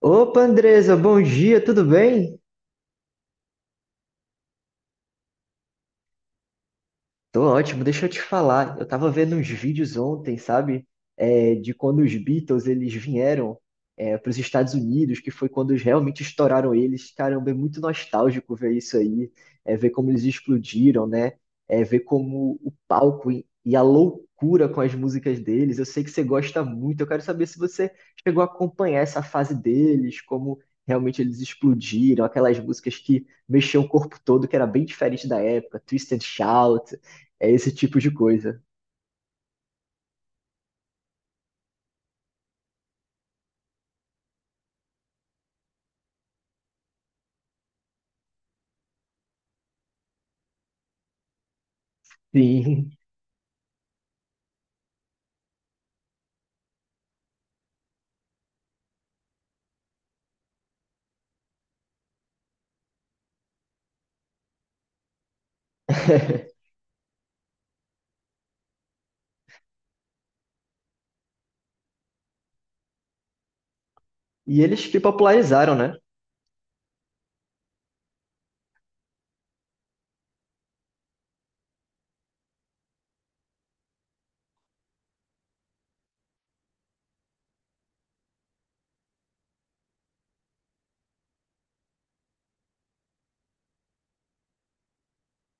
Opa, Andresa, bom dia, tudo bem? Tô ótimo, deixa eu te falar. Eu tava vendo uns vídeos ontem, sabe? De quando os Beatles eles vieram para os Estados Unidos, que foi quando eles realmente estouraram eles. Caramba, é muito nostálgico ver isso aí, ver como eles explodiram, né? É, ver como o palco e a loucura com as músicas deles. Eu sei que você gosta muito. Eu quero saber se você chegou a acompanhar essa fase deles, como realmente eles explodiram, aquelas músicas que mexiam o corpo todo, que era bem diferente da época, Twist and Shout. É esse tipo de coisa. Sim. E eles que popularizaram, né?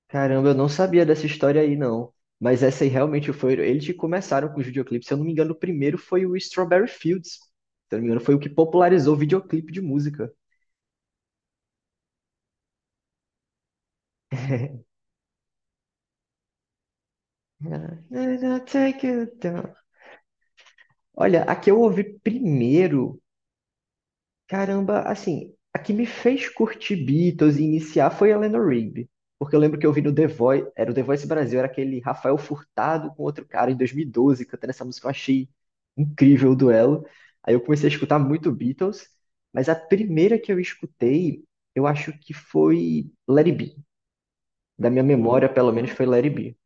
Caramba, eu não sabia dessa história aí, não. Mas essa aí realmente foi. Eles que começaram com os videoclipes. Se eu não me engano, o primeiro foi o Strawberry Fields. Se eu não me engano, foi o que popularizou o videoclipe de música. Take it down. Olha, a que eu ouvi primeiro caramba, assim, a que me fez curtir Beatles e iniciar foi a Eleanor Rigby. Porque eu lembro que eu vi no The Voice, era o The Voice Brasil, era aquele Rafael Furtado com outro cara em 2012 cantando essa música, eu achei incrível o duelo. Aí eu comecei a escutar muito Beatles, mas a primeira que eu escutei, eu acho que foi Let It Be. Da minha memória, pelo menos, foi Let It Be.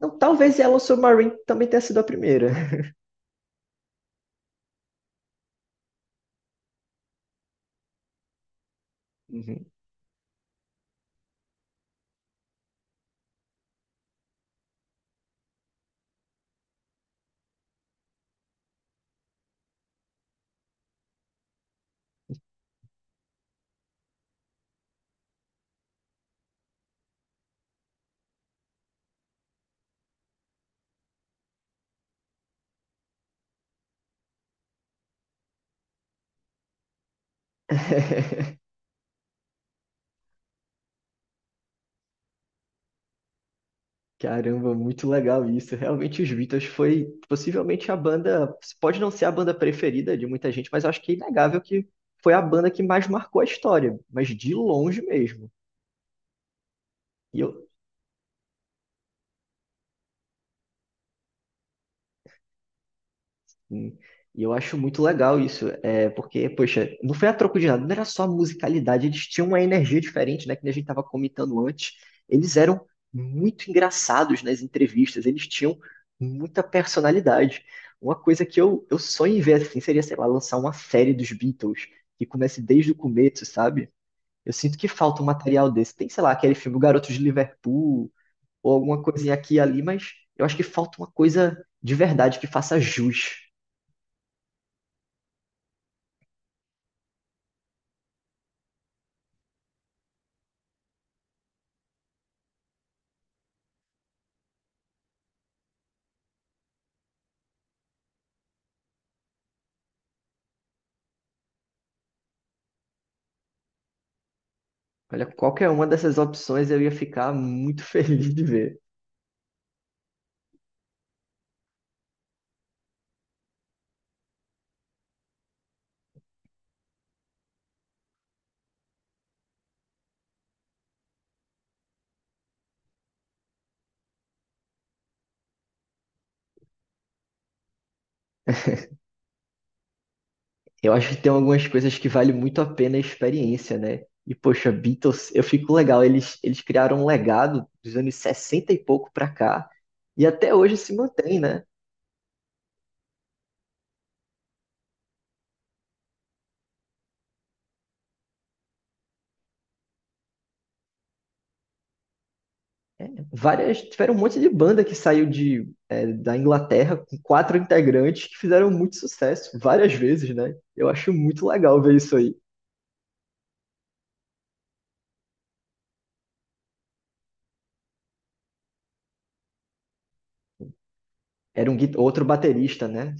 Não, talvez Yellow Submarine também tenha sido a primeira. Uhum. Caramba, muito legal isso. Realmente os Beatles foi possivelmente a banda, pode não ser a banda preferida de muita gente, mas eu acho que é inegável que foi a banda que mais marcou a história, mas de longe mesmo. E eu sim. E eu acho muito legal isso, porque, poxa, não foi a troco de nada, não era só a musicalidade, eles tinham uma energia diferente, né, que a gente estava comentando antes. Eles eram muito engraçados nas entrevistas, eles tinham muita personalidade. Uma coisa que eu sonho em ver, assim, seria, sei lá, lançar uma série dos Beatles, que comece desde o começo, sabe? Eu sinto que falta um material desse. Tem, sei lá, aquele filme O Garoto de Liverpool, ou alguma coisinha aqui e ali, mas eu acho que falta uma coisa de verdade que faça jus. Olha, qualquer uma dessas opções eu ia ficar muito feliz de ver. Eu acho que tem algumas coisas que vale muito a pena a experiência, né? E, poxa, Beatles, eu fico legal. Eles criaram um legado dos anos 60 e pouco pra cá. E até hoje se mantém, né? Várias, tiveram um monte de banda que saiu de, da Inglaterra com quatro integrantes que fizeram muito sucesso várias vezes, né? Eu acho muito legal ver isso aí. Era um, gui- outro baterista, né?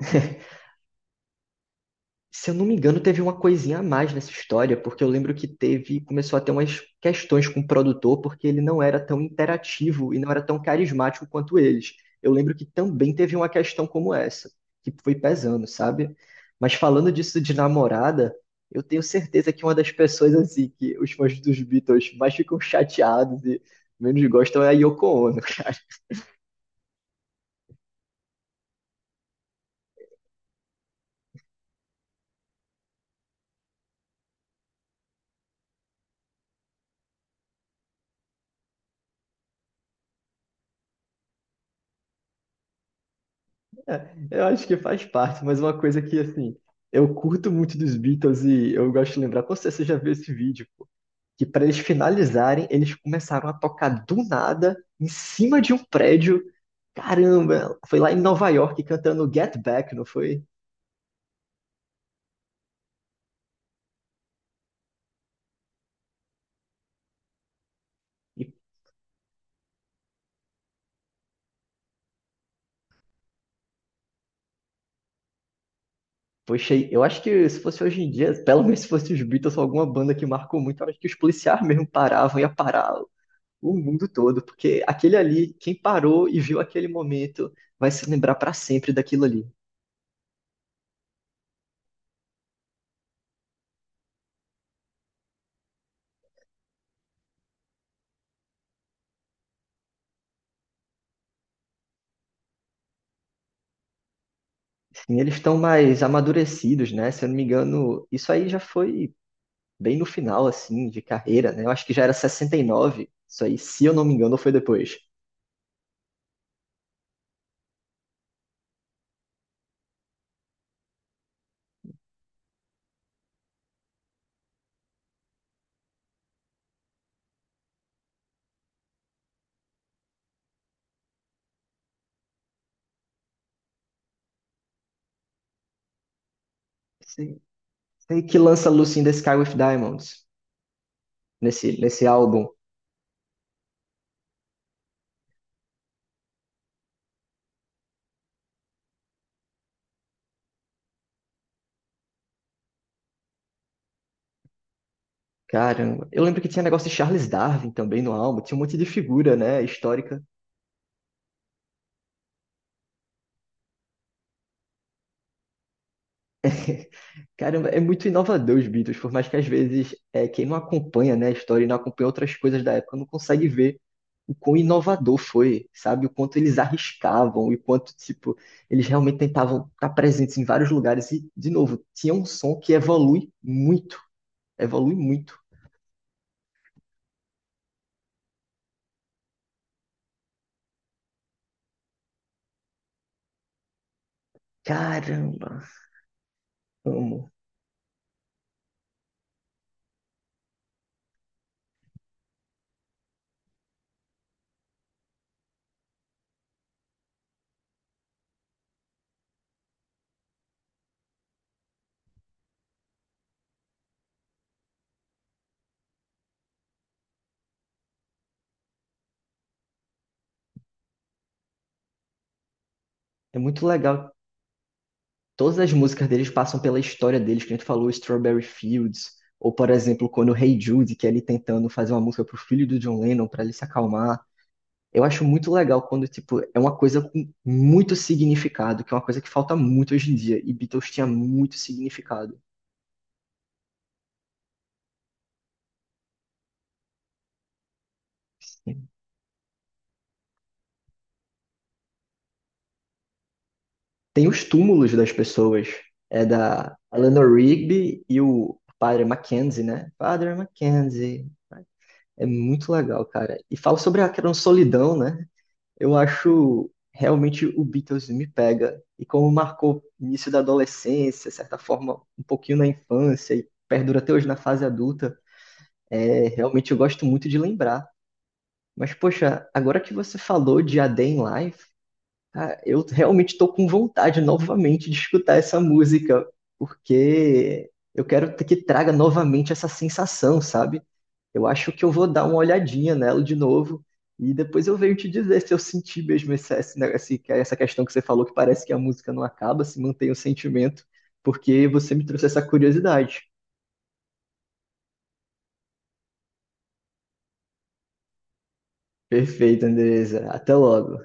Se eu não me engano, teve uma coisinha a mais nessa história, porque eu lembro que teve, começou a ter umas questões com o produtor, porque ele não era tão interativo e não era tão carismático quanto eles. Eu lembro que também teve uma questão como essa, que foi pesando, sabe? Mas falando disso de namorada, eu tenho certeza que uma das pessoas assim que os fãs dos Beatles mais ficam chateados e menos gostam é a Yoko Ono. É, eu acho que faz parte, mas uma coisa que, assim, eu curto muito dos Beatles e eu gosto de lembrar, com certeza você já viu esse vídeo, pô, que para eles finalizarem, eles começaram a tocar do nada, em cima de um prédio. Caramba, foi lá em Nova York cantando Get Back, não foi? E, poxa, eu acho que se fosse hoje em dia, pelo menos se fosse os Beatles ou alguma banda que marcou muito, eu acho que os policiais mesmo paravam, ia parar o mundo todo, porque aquele ali, quem parou e viu aquele momento, vai se lembrar para sempre daquilo ali. E eles estão mais amadurecidos, né? Se eu não me engano, isso aí já foi bem no final, assim, de carreira, né? Eu acho que já era 69, isso aí, se eu não me engano, ou foi depois. Sei, sei que lança Lucy in the Sky with Diamonds nesse álbum. Caramba, eu lembro que tinha negócio de Charles Darwin também no álbum, tinha um monte de figura, né, histórica. Caramba, é muito inovador os Beatles, por mais que às vezes quem não acompanha, né, a história e não acompanha outras coisas da época não consegue ver o quão inovador foi, sabe? O quanto eles arriscavam e quanto, tipo, eles realmente tentavam estar presentes em vários lugares e, de novo, tinha um som que evolui muito, evolui muito. Caramba, amo. É muito legal. Todas as músicas deles passam pela história deles, que a gente falou, Strawberry Fields, ou, por exemplo, quando o Hey Jude, que é ele tentando fazer uma música pro filho do John Lennon para ele se acalmar. Eu acho muito legal quando, tipo, é uma coisa com muito significado, que é uma coisa que falta muito hoje em dia. E Beatles tinha muito significado. Tem os túmulos das pessoas. É da Eleanor Rigby e o Padre Mackenzie, né? Padre Mackenzie. É muito legal, cara. E fala sobre aquela solidão, né? Eu acho realmente o Beatles me pega. E como marcou o início da adolescência, certa forma, um pouquinho na infância e perdura até hoje na fase adulta, é, realmente eu gosto muito de lembrar. Mas, poxa, agora que você falou de A Day in Life, ah, eu realmente estou com vontade novamente de escutar essa música, porque eu quero que traga novamente essa sensação, sabe? Eu acho que eu vou dar uma olhadinha nela de novo e depois eu venho te dizer se eu senti mesmo essa questão que você falou, que parece que a música não acaba, se mantém o sentimento, porque você me trouxe essa curiosidade. Perfeito, Andresa. Até logo.